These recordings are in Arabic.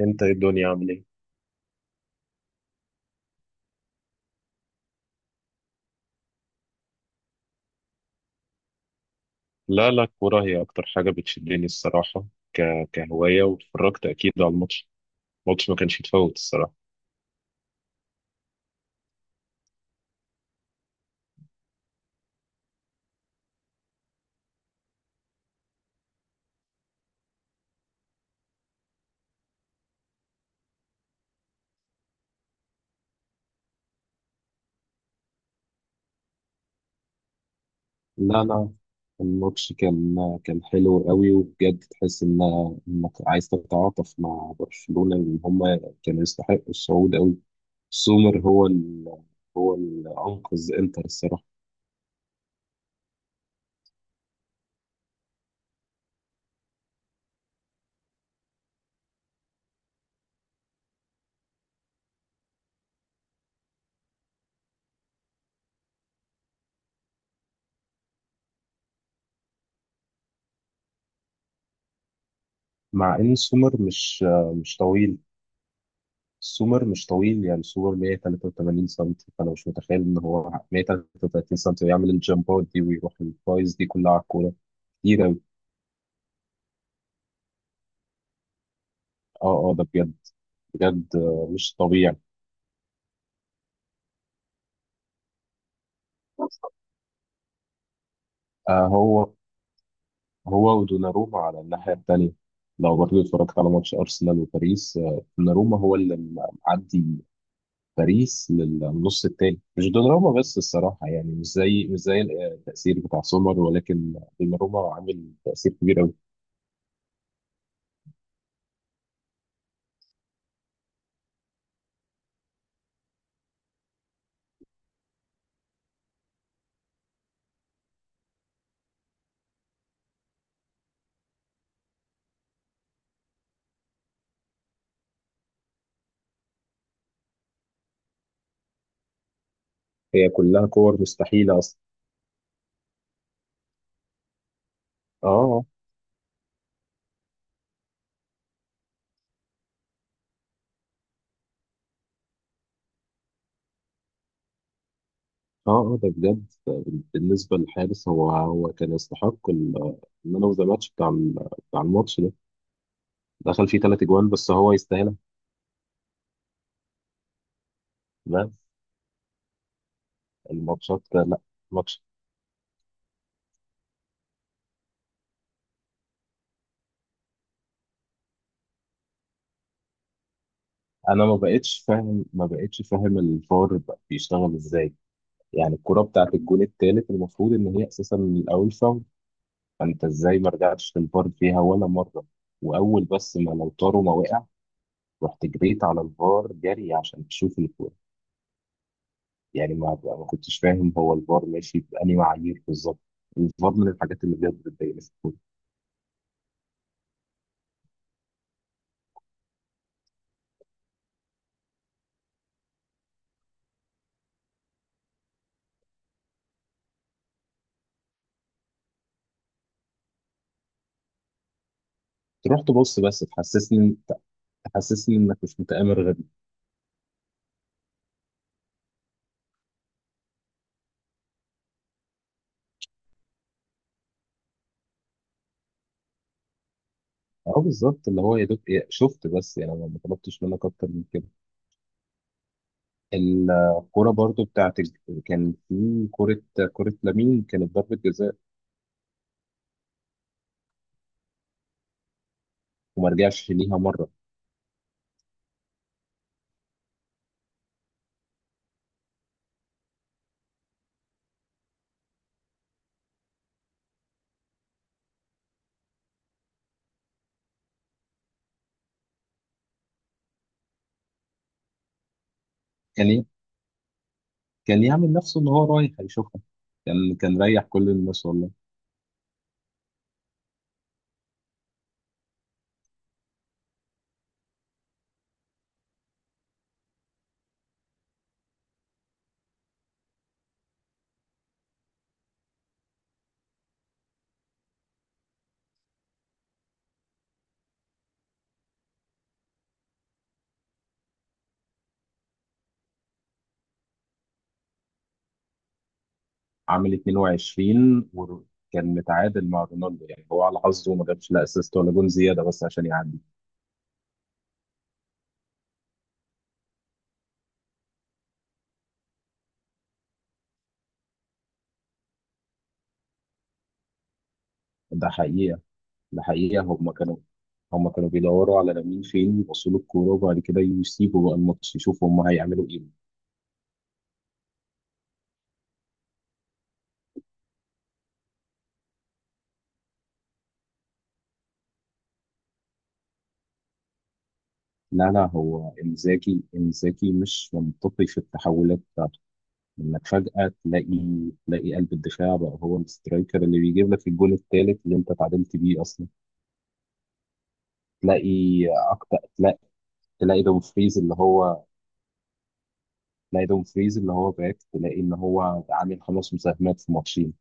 انت ايه الدنيا عامل ايه؟ لا لا، الكورة هي أكتر حاجة بتشدني الصراحة ك... كهواية، واتفرجت أكيد على الماتش. الماتش ما كانش يتفوت الصراحة. لا لا، الماتش كان حلو قوي، وبجد تحس انك عايز تتعاطف مع برشلونة، ان هم كانوا يستحقوا الصعود قوي. سومر هو اللي انقذ انتر الصراحة. مع ان سومر مش طويل، سومر مش طويل، يعني سومر 183 سم، فانا مش متخيل ان هو 133 سم ويعمل الجامبات دي ويروح الفايز دي كلها على الكوره كتير أوي. اه اه، ده بجد، بجد آه، مش طبيعي. آه، هو ودوناروما على الناحيه الثانيه. لو برضه اتفرجت على ماتش ارسنال وباريس آه، دوناروما هو معدي باريس للنص الثاني، مش دوناروما بس الصراحه، يعني مش زي آه، التاثير بتاع سومر، ولكن دوناروما عامل تاثير كبير. هي كلها كور مستحيلة أصلا. اه اه اه آه، ده بجد. بالنسبة للحارس، هو كان يستحق المان اوف ذا ماتش بتاع الماتش ده. دخل فيه ثلاث اجوان، بس هو يستاهلها. بس الماتشات لا، ماتش. انا ما بقتش فاهم الفار بقى بيشتغل ازاي. يعني الكرة بتاعت الجون التالت، المفروض ان هي اساسا من الاول فاول، فانت ازاي ما رجعتش للفار فيها ولا مرة؟ واول بس ما لو طاروا ما وقع، رحت جريت على الفار جري عشان تشوف. يعني ما كنتش فاهم، هو الفار ماشي بأنهي معايير بالظبط. الفار من الحاجات اللي بجد بتضايقني في الكورة. تروح تبص بس تحسسني انك مش متآمر غبي. اه بالظبط، اللي هو يا دوب، شفت، بس يعني ما طلبتش منك اكتر من كده. الكورة برضو كان في كورة، كورة لامين كانت ضربة جزاء، وما رجعش ليها مرة. كان ي- كان يعمل نفسه ان هو رايح هيشوفها. كان ريح كل الناس والله. عامل 22 وكان متعادل مع رونالدو، يعني هو على حظه ما جابش لا اسيست ولا جون زياده بس عشان يعدي. ده حقيقه، ده حقيقه هم كانوا بيدوروا على لامين فين يبصوا له الكوره، وبعد كده يسيبوا بقى الماتش يشوفوا هم هيعملوا ايه. لا لا، هو انزاكي مش منطقي في التحولات بتاعته. انك فجأة تلاقي قلب الدفاع بقى هو السترايكر، اللي بيجيب لك الجون الثالث اللي انت تعادلت بيه اصلا. تلاقي اكتر تلاقي تلاقي دومفريز اللي هو تلاقي دومفريز اللي هو باك، تلاقي ان هو عامل خمس مساهمات في ماتشين.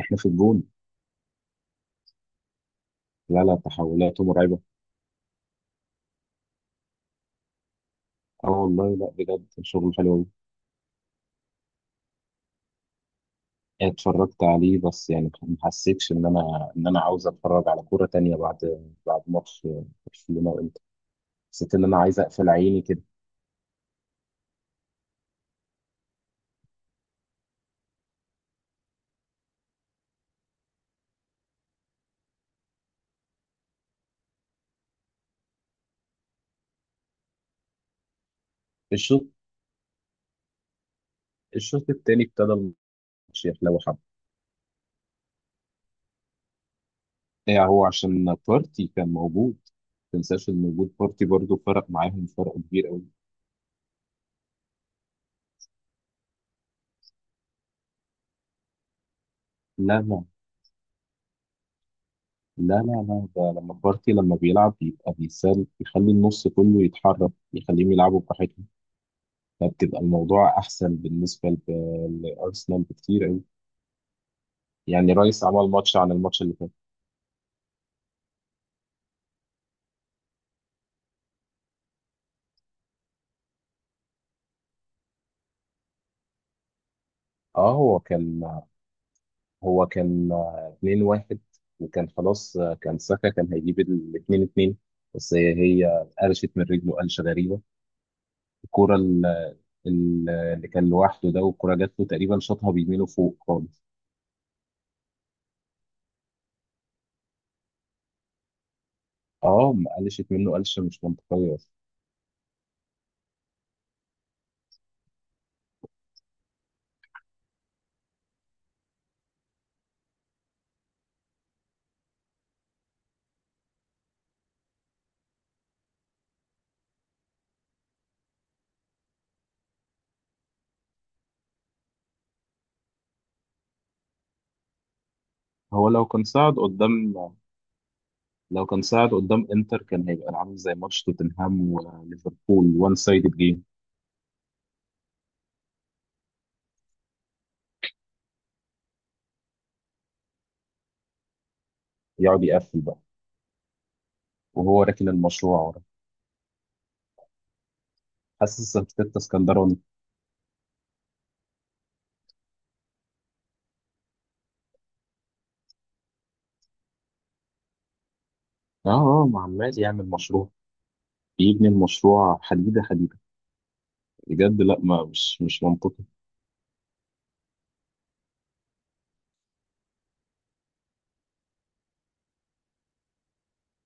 احنا في الجون. لا لا، تحولاته مرعبه. اه والله، لا بجد شغل حلو أوي. اتفرجت عليه، بس يعني ما حسيتش ان انا عاوز اتفرج على كوره تانية بعد، بعد ماتش برشلونه وانتر. حسيت ان انا عايز اقفل عيني كده. الشوط الشوط التاني ابتدى الماتش يحلو حبه. يعني هو عشان بارتي كان موجود، ما تنساش ان وجود بارتي برضه فرق معاهم فرق كبير قوي. لا لا لا، لا لا، ده لما بارتي لما بيلعب بيبقى بيسال، بيخلي النص كله يتحرك، يخليهم يلعبوا براحتهم، فبتبقى الموضوع احسن بالنسبه لارسنال بكتير قوي. يعني رايس عمل ماتش عن الماتش اللي فات. اه، هو كان 2-1، وكان خلاص آه، كان ساكا كان هيجيب ال 2-2، بس هي قرشت من رجله قرشه غريبه. الكوره اللي كان لوحده ده، والكوره جات له تقريبا شاطها بيمينه فوق خالص. اه، ما قلشت منه قلشه مش منطقيه. هو لو كان صعد قدام لو كان صعد قدام انتر، كان هيبقى عامل زي ماتش توتنهام وليفربول، وان سايدد جيم. يقعد يقفل بقى، وهو راكن المشروع ورا. حاسس ارتيتا اسكندراني. اه اه، ما عمال يعمل مشروع، يبني المشروع حديده حديده. بجد لا، ما مش مش منطقي.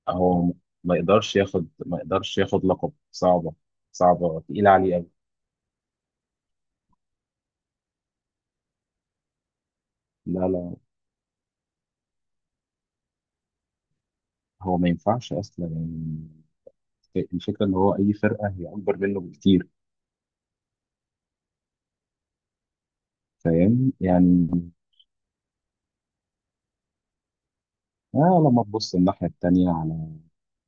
هو ما يقدرش ياخد لقب، صعبه. صعبه تقيله عليه قوي. لا لا، هو ما ينفعش اصلا. يعني الفكره ان هو اي فرقه هي اكبر منه بكتير، فاهم يعني؟ آه، لما تبص الناحية التانية، على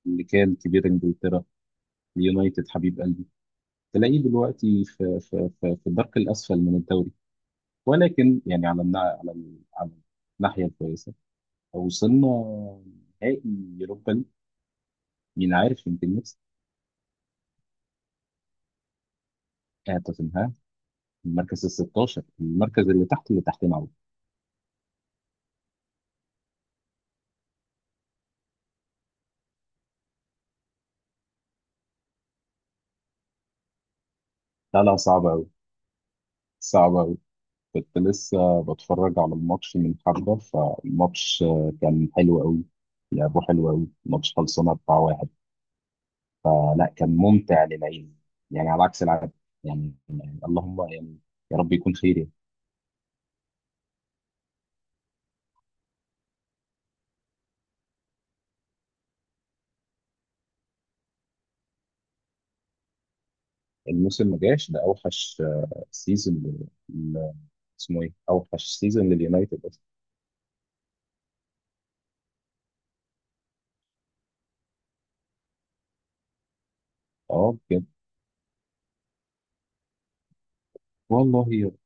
اللي كان كبير إنجلترا، اليونايتد حبيب قلبي، تلاقيه دلوقتي في الدرك الأسفل من الدوري. ولكن يعني على الناحية الكويسة، وصلنا نهائي يوروبا ليج، مين عارف، يمكن نكسب. آه توتنهام، المركز ال 16، المركز اللي تحت اللي تحتنا أوي. لا لا، صعب أوي، صعب أوي. كنت لسه بتفرج على الماتش من حبة، فالماتش آه، كان حلو أوي، لعبه حلو أوي. الماتش خلصنا 4-1، فلا كان ممتع للعين، يعني على عكس العادة. يعني، اللهم يعني يا رب يكون خير يعني. الموسم ما جاش، ده اوحش آه، سيزون اسمه ايه، اوحش سيزون لليونايتد اصلا. اه بجد والله